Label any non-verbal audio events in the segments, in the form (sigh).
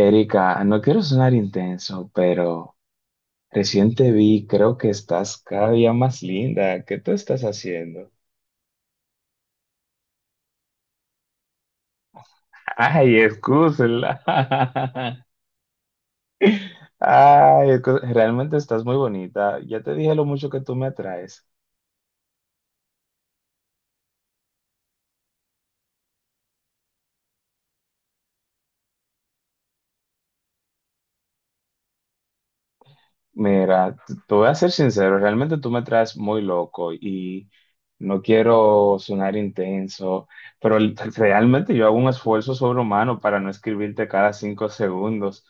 Erika, no quiero sonar intenso, pero recién te vi, creo que estás cada día más linda. ¿Qué tú estás haciendo? Ay, excúsela. (laughs) Ay, realmente estás muy bonita. Ya te dije lo mucho que tú me atraes. Mira, te voy a ser sincero, realmente tú me traes muy loco y no quiero sonar intenso, pero (laughs) realmente yo hago un esfuerzo sobrehumano para no escribirte cada 5 segundos.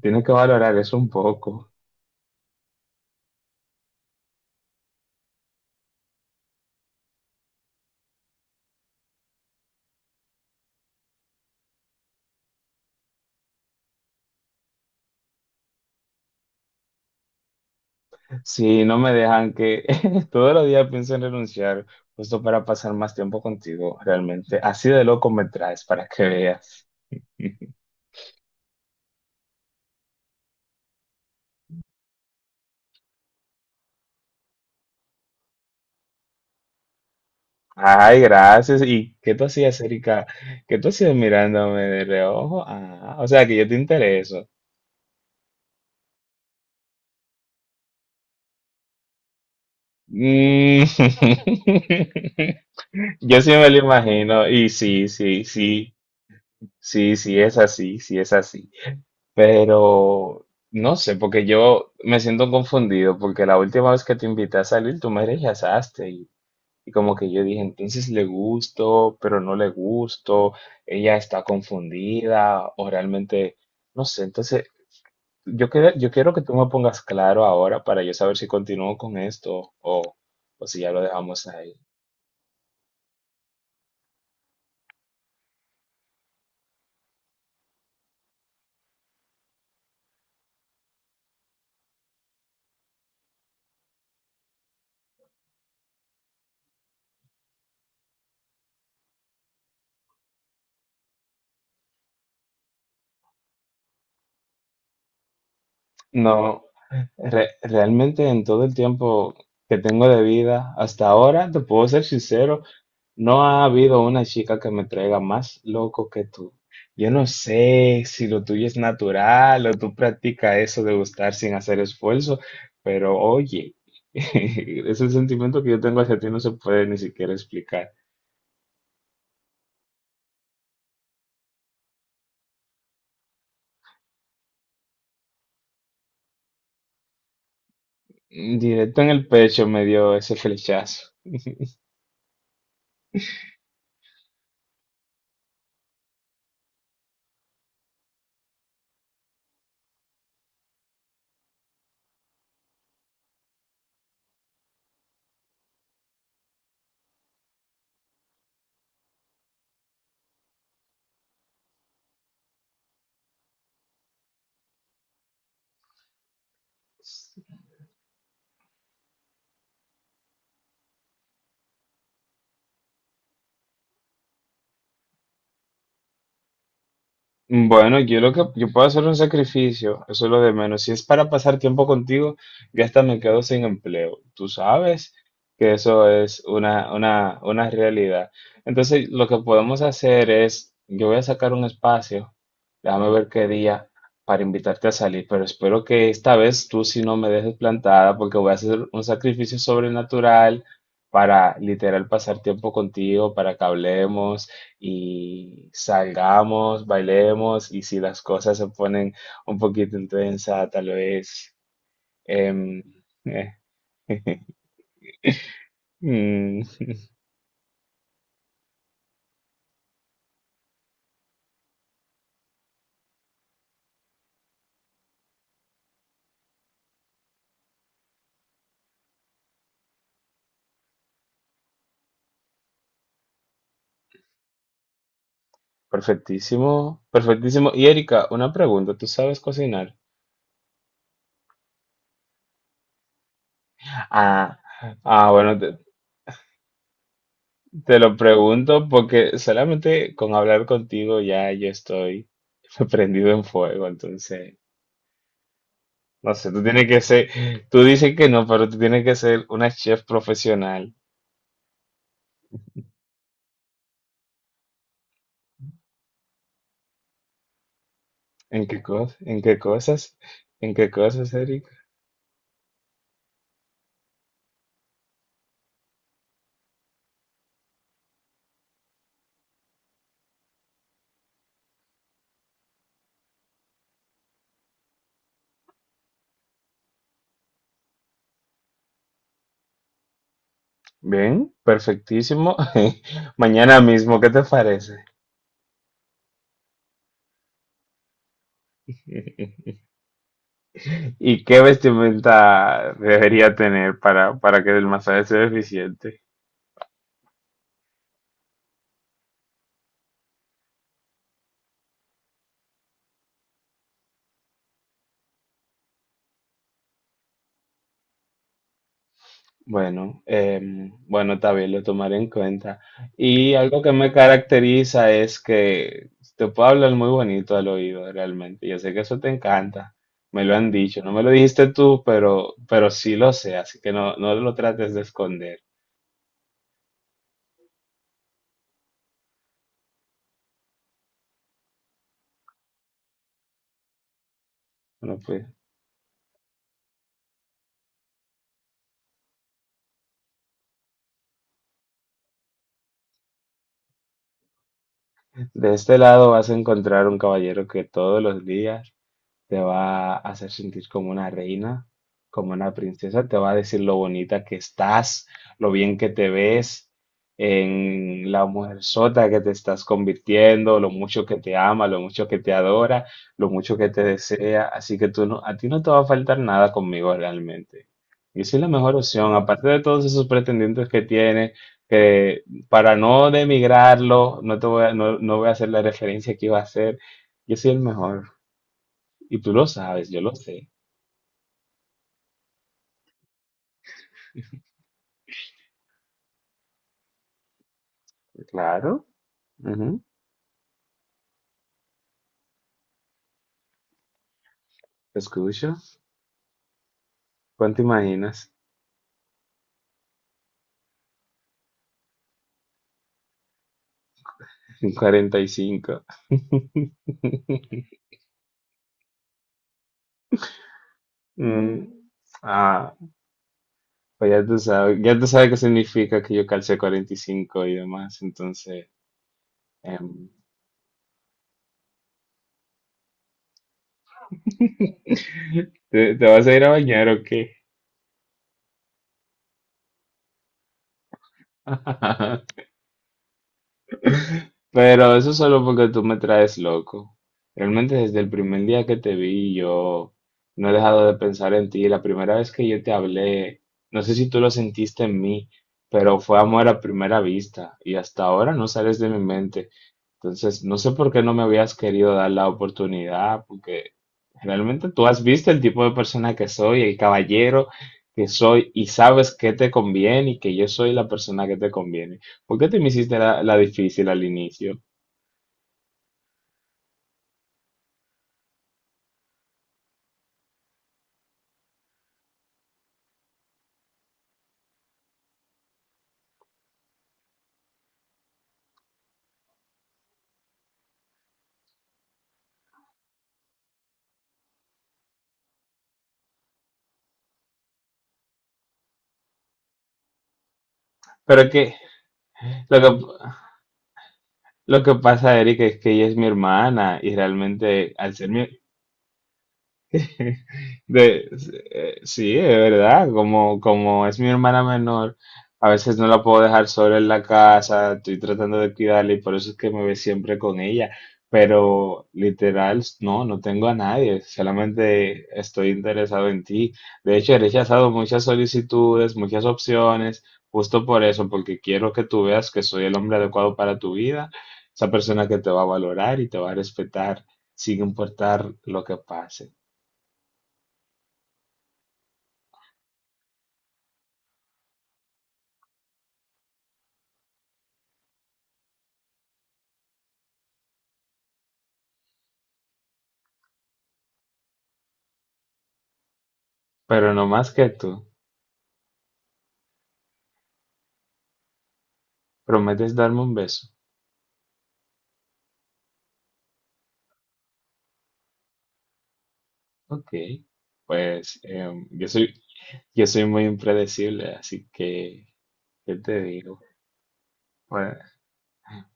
Tienes que valorar eso un poco. Si no me dejan que (laughs) todos los días pienso en renunciar, justo para pasar más tiempo contigo, realmente. Así de loco me traes para que veas. Ay, gracias. ¿Y qué tú hacías, Erika? ¿Qué tú hacías mirándome de reojo? Ah, o sea que yo te intereso. Mm. (laughs) Yo sí me lo imagino. Y sí, sí, sí, sí, sí, es así, sí, es así. Pero no sé, porque yo me siento confundido, porque la última vez que te invité a salir, tú me rechazaste. Y como que yo dije, entonces le gusto, pero no le gusto, ella está confundida, o realmente. No sé, entonces yo quiero que tú me pongas claro ahora para yo saber si continúo con esto o si ya lo dejamos ahí. No, realmente en todo el tiempo que tengo de vida hasta ahora, te puedo ser sincero, no ha habido una chica que me traiga más loco que tú. Yo no sé si lo tuyo es natural o tú practicas eso de gustar sin hacer esfuerzo, pero oye, (laughs) ese sentimiento que yo tengo hacia ti no se puede ni siquiera explicar. Directo en el pecho me dio ese flechazo. Bueno, yo lo que yo puedo hacer un sacrificio, eso es lo de menos. Si es para pasar tiempo contigo, ya hasta me quedo sin empleo. Tú sabes que eso es una realidad. Entonces, lo que podemos hacer es, yo voy a sacar un espacio, déjame ver qué día para invitarte a salir, pero espero que esta vez tú sí no me dejes plantada porque voy a hacer un sacrificio sobrenatural para literal pasar tiempo contigo, para que hablemos y salgamos, bailemos y si las cosas se ponen un poquito intensas, tal vez... em, eh, (laughs) mm, perfectísimo, perfectísimo. Y Erika, una pregunta, ¿tú sabes cocinar? Ah, ah, bueno, te lo pregunto porque solamente con hablar contigo ya yo estoy (laughs) prendido en fuego, entonces, no sé, tú tienes que ser, tú dices que no, pero tú tienes que ser una chef profesional. ¿En qué cosas? ¿En qué cosas? ¿En qué cosas, Eric? Bien, perfectísimo. (laughs) Mañana mismo, ¿qué te parece? (laughs) ¿Y qué vestimenta debería tener para que el masaje sea eficiente? Bueno, bueno, está bien, lo tomaré en cuenta. Y algo que me caracteriza es que te puedo hablar muy bonito al oído, realmente. Yo sé que eso te encanta. Me lo han dicho. No me lo dijiste tú, pero sí lo sé, así que no, no lo trates de esconder. Bueno, pues de este lado vas a encontrar un caballero que todos los días te va a hacer sentir como una reina, como una princesa, te va a decir lo bonita que estás, lo bien que te ves, en la mujer sota que te estás convirtiendo, lo mucho que te ama, lo mucho que te adora, lo mucho que te desea, así que tú no, a ti no te va a faltar nada conmigo realmente. Y soy la mejor opción, aparte de todos esos pretendientes que tiene, que para no demigrarlo, no te voy a, no, no voy a hacer la referencia que iba a hacer, yo soy el mejor. Y tú lo sabes, yo lo sé. Claro. Ujú. Te escucho. ¿Cuánto imaginas? (laughs) 45. (laughs) Mm. Ah, pues ya tú sabes qué significa que yo calcé 45 y cinco y demás, entonces, em, ¿te, vas a ir a bañar o qué? (laughs) Pero eso solo porque tú me traes loco. Realmente desde el primer día que te vi, yo no he dejado de pensar en ti. La primera vez que yo te hablé, no sé si tú lo sentiste en mí, pero fue amor a primera vista y hasta ahora no sales de mi mente. Entonces, no sé por qué no me habías querido dar la oportunidad, porque realmente tú has visto el tipo de persona que soy, el caballero que soy y sabes que te conviene y que yo soy la persona que te conviene. ¿Por qué te me hiciste la difícil al inicio? Pero que lo que lo que pasa, Erika, es que ella es mi hermana y realmente al ser mi, (laughs) De, sí, es verdad, como es mi hermana menor, a veces no la puedo dejar sola en la casa, estoy tratando de cuidarla y por eso es que me ve siempre con ella, pero literal, no, no tengo a nadie, solamente estoy interesado en ti. De hecho, he rechazado muchas solicitudes, muchas opciones, justo por eso, porque quiero que tú veas que soy el hombre adecuado para tu vida, esa persona que te va a valorar y te va a respetar, sin importar lo que pase. Pero no más que tú. ¿Prometes darme un beso? Ok. Pues yo soy muy impredecible, así que, ¿qué te digo? Puede,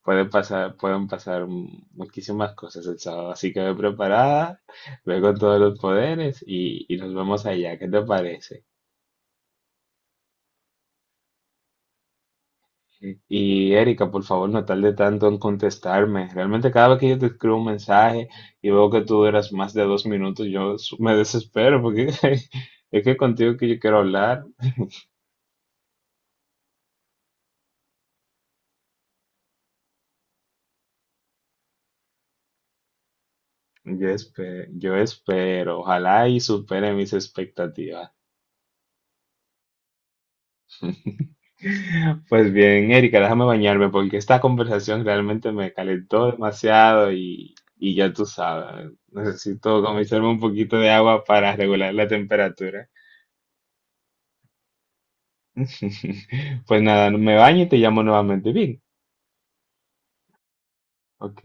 pueden pasar muchísimas cosas el sábado, así que ve preparada, ve con todos los poderes y nos vemos allá. ¿Qué te parece? Y, Erika, por favor, no tarde tanto en contestarme. Realmente cada vez que yo te escribo un mensaje y veo que tú duras más de 2 minutos, yo me desespero porque (laughs) es que contigo que yo quiero hablar. Yo espero, ojalá y supere mis expectativas. (laughs) Pues bien, Erika, déjame bañarme porque esta conversación realmente me calentó demasiado y ya tú sabes, necesito comerme un poquito de agua para regular la temperatura. (laughs) Pues nada, me baño y te llamo nuevamente. Bien. Ok.